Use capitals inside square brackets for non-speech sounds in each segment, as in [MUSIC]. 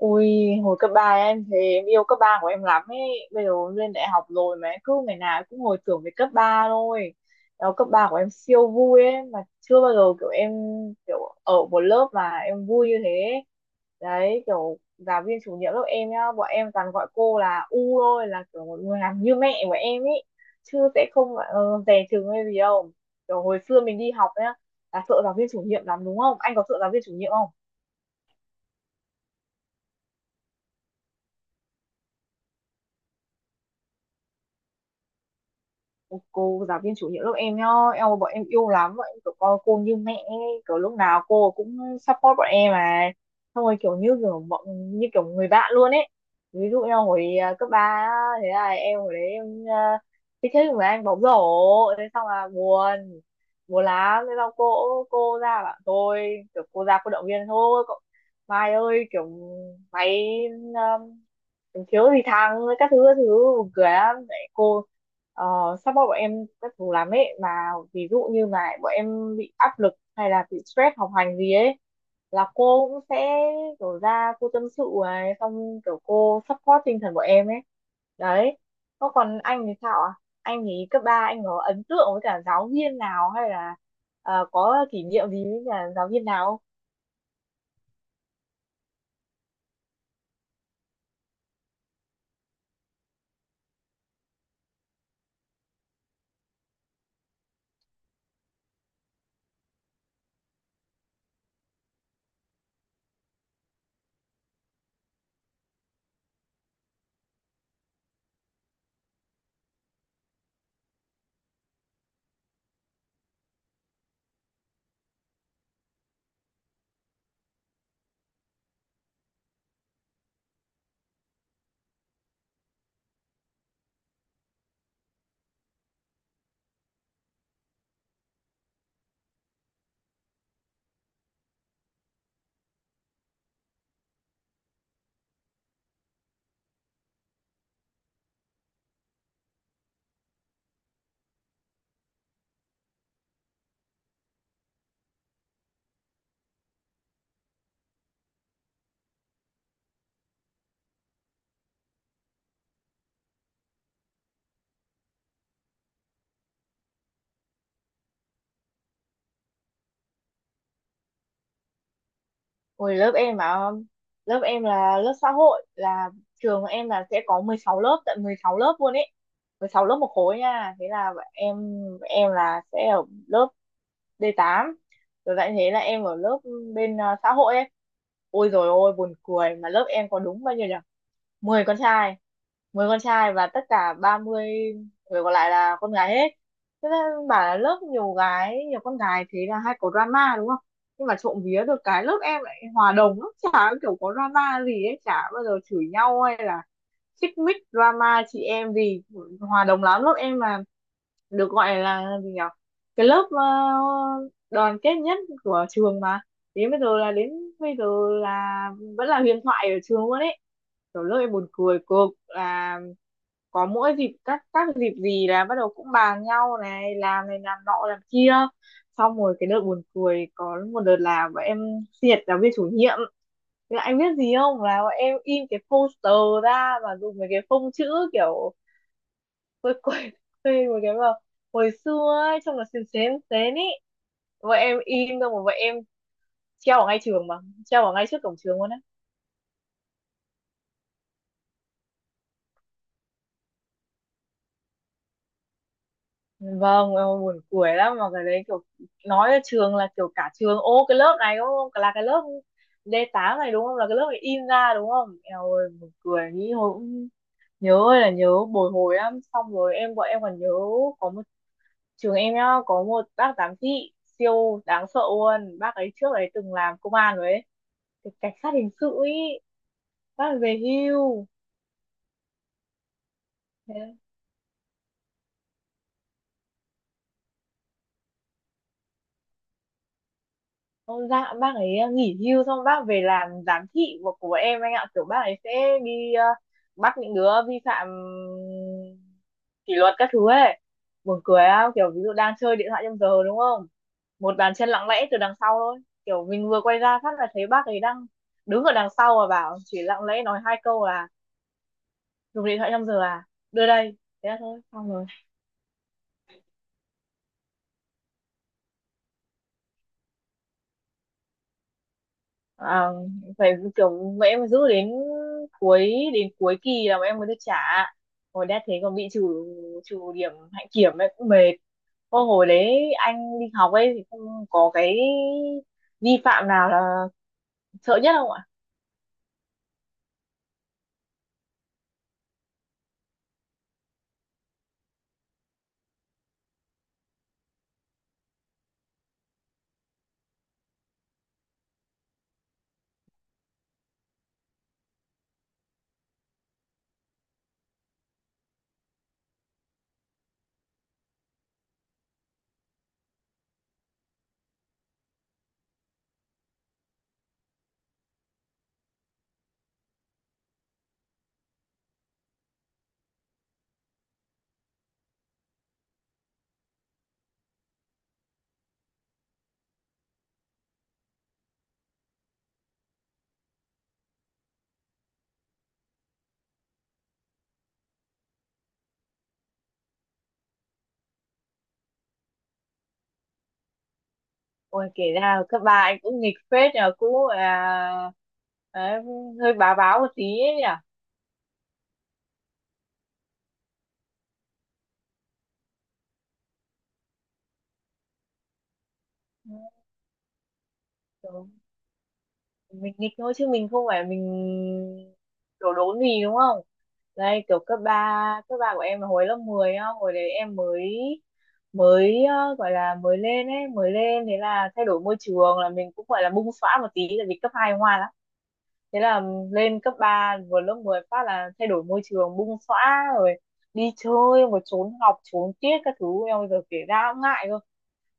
Ui, hồi cấp 3 em thì em yêu cấp 3 của em lắm ấy. Bây giờ lên đại học rồi mà em cứ ngày nào em cũng hồi tưởng về cấp 3 thôi. Đó, cấp 3 của em siêu vui ấy. Mà chưa bao giờ kiểu em kiểu ở một lớp mà em vui như thế. Đấy, kiểu giáo viên chủ nhiệm lớp em nhá. Bọn em toàn gọi cô là U thôi, là kiểu một người làm như mẹ của em ấy. Chứ sẽ không dè chừng hay gì đâu. Kiểu hồi xưa mình đi học nhá, là sợ giáo viên chủ nhiệm lắm đúng không? Anh có sợ giáo viên chủ nhiệm? Cô giáo viên chủ nhiệm lớp em nhá, bọn em yêu lắm, bọn em kiểu coi cô như mẹ ấy. Kiểu lúc nào cô cũng support bọn em mà xong rồi kiểu như kiểu như kiểu người bạn luôn ấy. Ví dụ em hồi cấp ba, thế là em hồi đấy em thích thích với anh bóng rổ, thế xong là buồn, buồn lắm. Thế xong cô ra bảo tôi, kiểu cô ra cô động viên thôi cậu, Mai ơi kiểu mày, thiếu gì thằng, các thứ các thứ, buồn cười lắm. Đấy, cô ờ, support bọn em các thứ lắm ấy, mà ví dụ như mà bọn em bị áp lực hay là bị stress học hành gì ấy là cô cũng sẽ kiểu ra cô tâm sự này, xong kiểu cô support tinh thần bọn em ấy. Đấy, có còn anh thì sao ạ? Anh thì cấp 3 anh có ấn tượng với cả giáo viên nào hay là có kỷ niệm gì với cả giáo viên nào? Hồi lớp em mà, lớp em là lớp xã hội, là trường em là sẽ có 16 lớp, tận 16 lớp luôn ấy, 16 lớp một khối nha. Thế là em là sẽ ở lớp D8 rồi lại, thế là em ở lớp bên xã hội ấy. Ôi rồi, ôi buồn cười mà lớp em có đúng bao nhiêu nhỉ? 10 con trai, 10 con trai và tất cả 30 người còn lại là con gái hết. Thế nên bảo là lớp nhiều gái, nhiều con gái thế là hay có drama đúng không? Nhưng mà trộm vía được cái lớp em lại hòa đồng lắm, chả kiểu có drama gì ấy, chả bao giờ chửi nhau hay là xích mích drama chị em, vì hòa đồng lắm lớp em mà. Được gọi là gì nhỉ, cái lớp đoàn kết nhất của trường mà, đến bây giờ là bây giờ là vẫn là huyền thoại ở trường luôn ấy. Kiểu lớp em buồn cười cực là có mỗi dịp, các dịp gì là bắt đầu cũng bàn nhau này làm nọ làm kia. Xong rồi cái đợt buồn cười, có một đợt là bọn em sinh nhật giáo viên chủ nhiệm, là anh biết gì không? Là bọn em in cái poster ra và dùng mấy cái phông chữ kiểu quê quê quê mấy [LAUGHS] cái mà hồi xưa ấy, trông là xến xến xến ý. Bọn em in xong rồi bọn em treo ở ngay trường mà, treo ở ngay trước cổng trường luôn á. Vâng, ôi, buồn cười lắm mà cái đấy kiểu, nói là trường là kiểu cả trường, ô cái lớp này đúng không? Là cái lớp D8 này đúng không? Là cái lớp này in ra đúng không? Eo ơi, buồn cười nghĩ hồi cũng nhớ, ơi là nhớ, bồi hồi lắm. Xong rồi bọn em còn nhớ có một, trường em nhá, có một bác giám thị siêu đáng sợ luôn, bác ấy trước ấy từng làm công an rồi ấy, thì cảnh sát hình sự ấy, bác ấy về hưu. Thế ông dạ bác ấy nghỉ hưu xong bác về làm giám thị của, em anh ạ. Kiểu bác ấy sẽ đi bắt những đứa vi phạm kỷ luật các thứ ấy. Buồn cười á, kiểu ví dụ đang chơi điện thoại trong giờ đúng không, một bàn chân lặng lẽ từ đằng sau thôi. Kiểu mình vừa quay ra phát là thấy bác ấy đang đứng ở đằng sau và bảo, chỉ lặng lẽ nói hai câu là, dùng điện thoại trong giờ à, đưa đây, thế là thôi xong rồi. à, Phải kiểu mẹ em phải giữ đến cuối, kỳ là bọn em mới được trả, hồi đã thế còn bị trừ, điểm hạnh kiểm ấy, cũng mệt. Ô, hồi đấy anh đi học ấy thì không có cái vi phạm nào là sợ nhất không ạ? Ôi kể ra cấp ba anh cũng nghịch phết nhờ, cũng đấy, hơi bá báo một tí ấy nhỉ. Mình nghịch thôi chứ mình không phải mình đổ đốn gì đúng không? Đây kiểu cấp 3 của em là hồi lớp 10 á, hồi đấy em mới mới gọi là mới lên ấy, mới lên thế là thay đổi môi trường là mình cũng gọi là bung xõa một tí, tại vì cấp 2 ngoan lắm. Thế là lên cấp 3 vừa lớp 10 phát là thay đổi môi trường bung xõa rồi, đi chơi mà trốn học trốn tiết các thứ, em bây giờ kể ra cũng ngại cơ.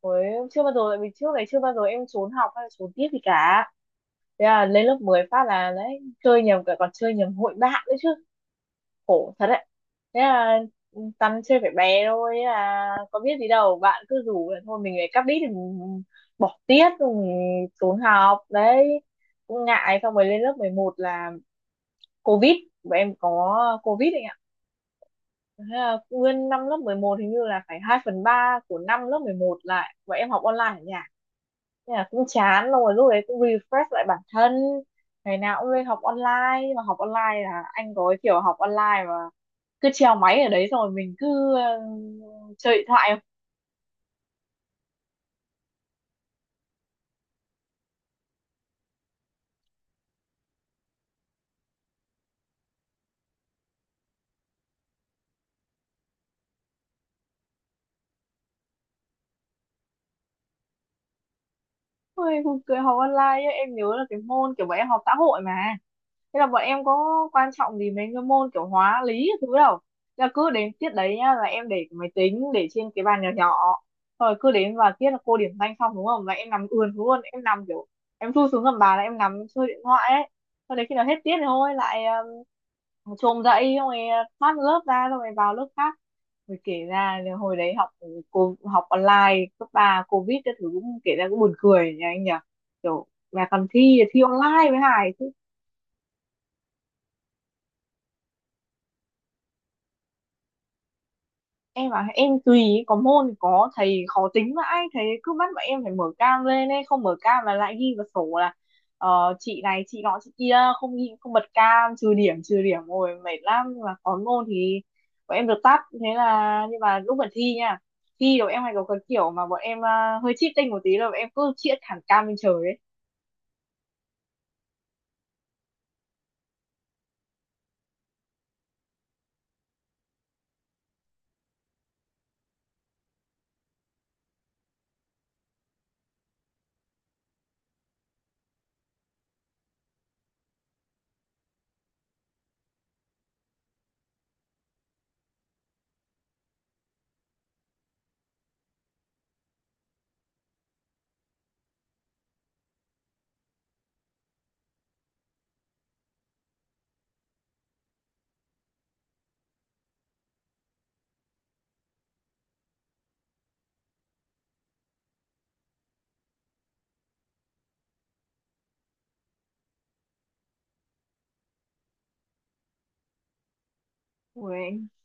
Ôi, chưa bao giờ, tại vì trước này chưa bao giờ em trốn học hay là trốn tiết gì cả. Thế là lên lớp 10 phát là đấy chơi nhầm cả, còn chơi nhầm hội bạn nữa chứ, khổ thật đấy. Thế là tăn chơi phải bé thôi, thế là có biết gì đâu, bạn cứ rủ là thôi mình lại cắp đít thì mình bỏ tiết rồi mình trốn học đấy, cũng ngại. Xong rồi lên lớp 11 là covid, bọn em có covid ấy. Thế là nguyên năm lớp 11 hình như là phải 2/3 của năm lớp 11 lại và em học online ở nhà, nên là cũng chán rồi, lúc đấy cũng refresh lại bản thân, ngày nào cũng lên học online. Nhưng mà học online là anh có cái kiểu học online mà cứ treo máy ở đấy rồi mình cứ chơi điện thoại. [LAUGHS] Ôi, buồn cười học online ấy, em nhớ là cái môn kiểu bọn em học xã hội mà, thế là bọn em có quan trọng gì mấy cái môn kiểu hóa lý các thứ đâu. Là cứ đến tiết đấy nhá là em để cái máy tính để trên cái bàn nhỏ nhỏ, rồi cứ đến và tiết là cô điểm danh xong đúng không là em nằm ườn xuống luôn, em nằm kiểu em thu xuống gầm bàn là em nằm chơi điện thoại ấy. Sau đấy khi nào hết tiết thì thôi lại chồm dậy xong rồi thoát lớp ra xong rồi vào lớp khác. Rồi kể ra là hồi đấy học cô học online cấp ba covid các thứ cũng kể ra cũng buồn cười nhỉ anh nhỉ, kiểu mà còn thi thi online với Hải. Em bảo em tùy, có môn thì có thầy khó tính vãi, thầy cứ bắt bọn em phải mở cam lên ấy, không mở cam là lại ghi vào sổ là chị này chị nọ chị kia, không ghi không bật cam trừ điểm, trừ điểm rồi mệt lắm. Nhưng mà có môn thì bọn em được tắt, thế là nhưng mà lúc mà thi nha, thi rồi em hay có cái kiểu mà bọn em hơi cheating một tí là bọn em cứ chĩa thẳng cam lên trời ấy. Ui,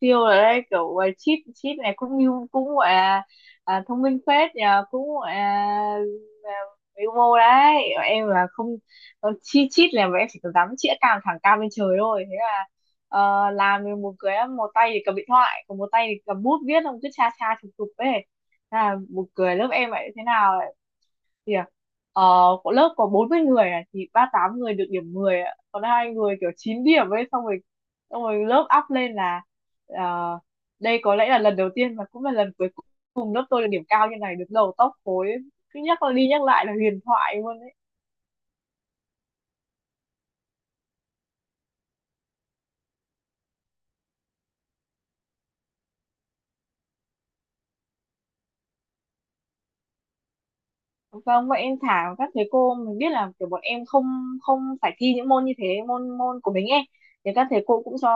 siêu rồi đấy, kiểu chip chip này cũng như cũng gọi là thông minh phết nhờ, cũng gọi là à, mưu mô đấy. Em là không, chip chip là em chỉ có dám chĩa cam thẳng cao lên trời thôi, thế là làm được một cái, một tay thì cầm điện thoại còn một tay thì cầm bút viết, không cứ cha cha chụp chụp ấy. Thế là một cười lớp em lại thế nào thì ờ, của lớp có 40 người thì 38 người được điểm 10, ạ, còn hai người kiểu 9 điểm ấy. Xong rồi lớp up lên là ờ, đây có lẽ là lần đầu tiên và cũng là lần cuối cùng lớp tôi được điểm cao như này, được đầu top khối, cứ nhắc đi nhắc lại là huyền thoại luôn. Vâng, vậy em thả, các thầy cô mình biết là kiểu bọn em không, không phải thi những môn như thế, môn môn của mình ấy. Thì các thầy cô cũng cho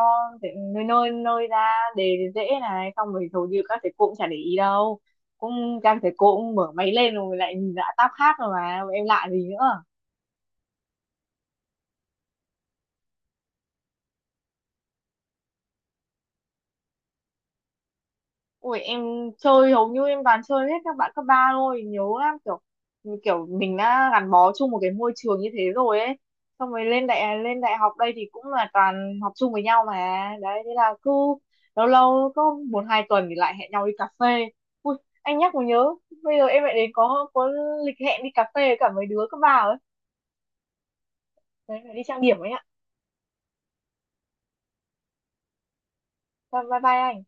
thể- nơi nơi nơi ra đề dễ này, xong rồi hầu như các thầy cô cũng chả để ý đâu. Cũng các thầy cô cũng mở máy lên rồi lại nhìn lại tab khác rồi mà, bọn em lạ gì nữa. Ui em chơi hầu như em toàn chơi hết các bạn cấp ba thôi, nhớ lắm, kiểu kiểu mình đã gắn bó chung một cái môi trường như thế rồi ấy. Xong rồi lên đại học đây thì cũng là toàn học chung với nhau mà. Đấy thế là cứ lâu lâu có một hai tuần thì lại hẹn nhau đi cà phê. Ui anh nhắc mới nhớ, bây giờ em lại đến có lịch hẹn đi cà phê với cả mấy đứa cấp ba ấy. Đấy, phải đi trang điểm ấy ạ. Bye bye bye anh.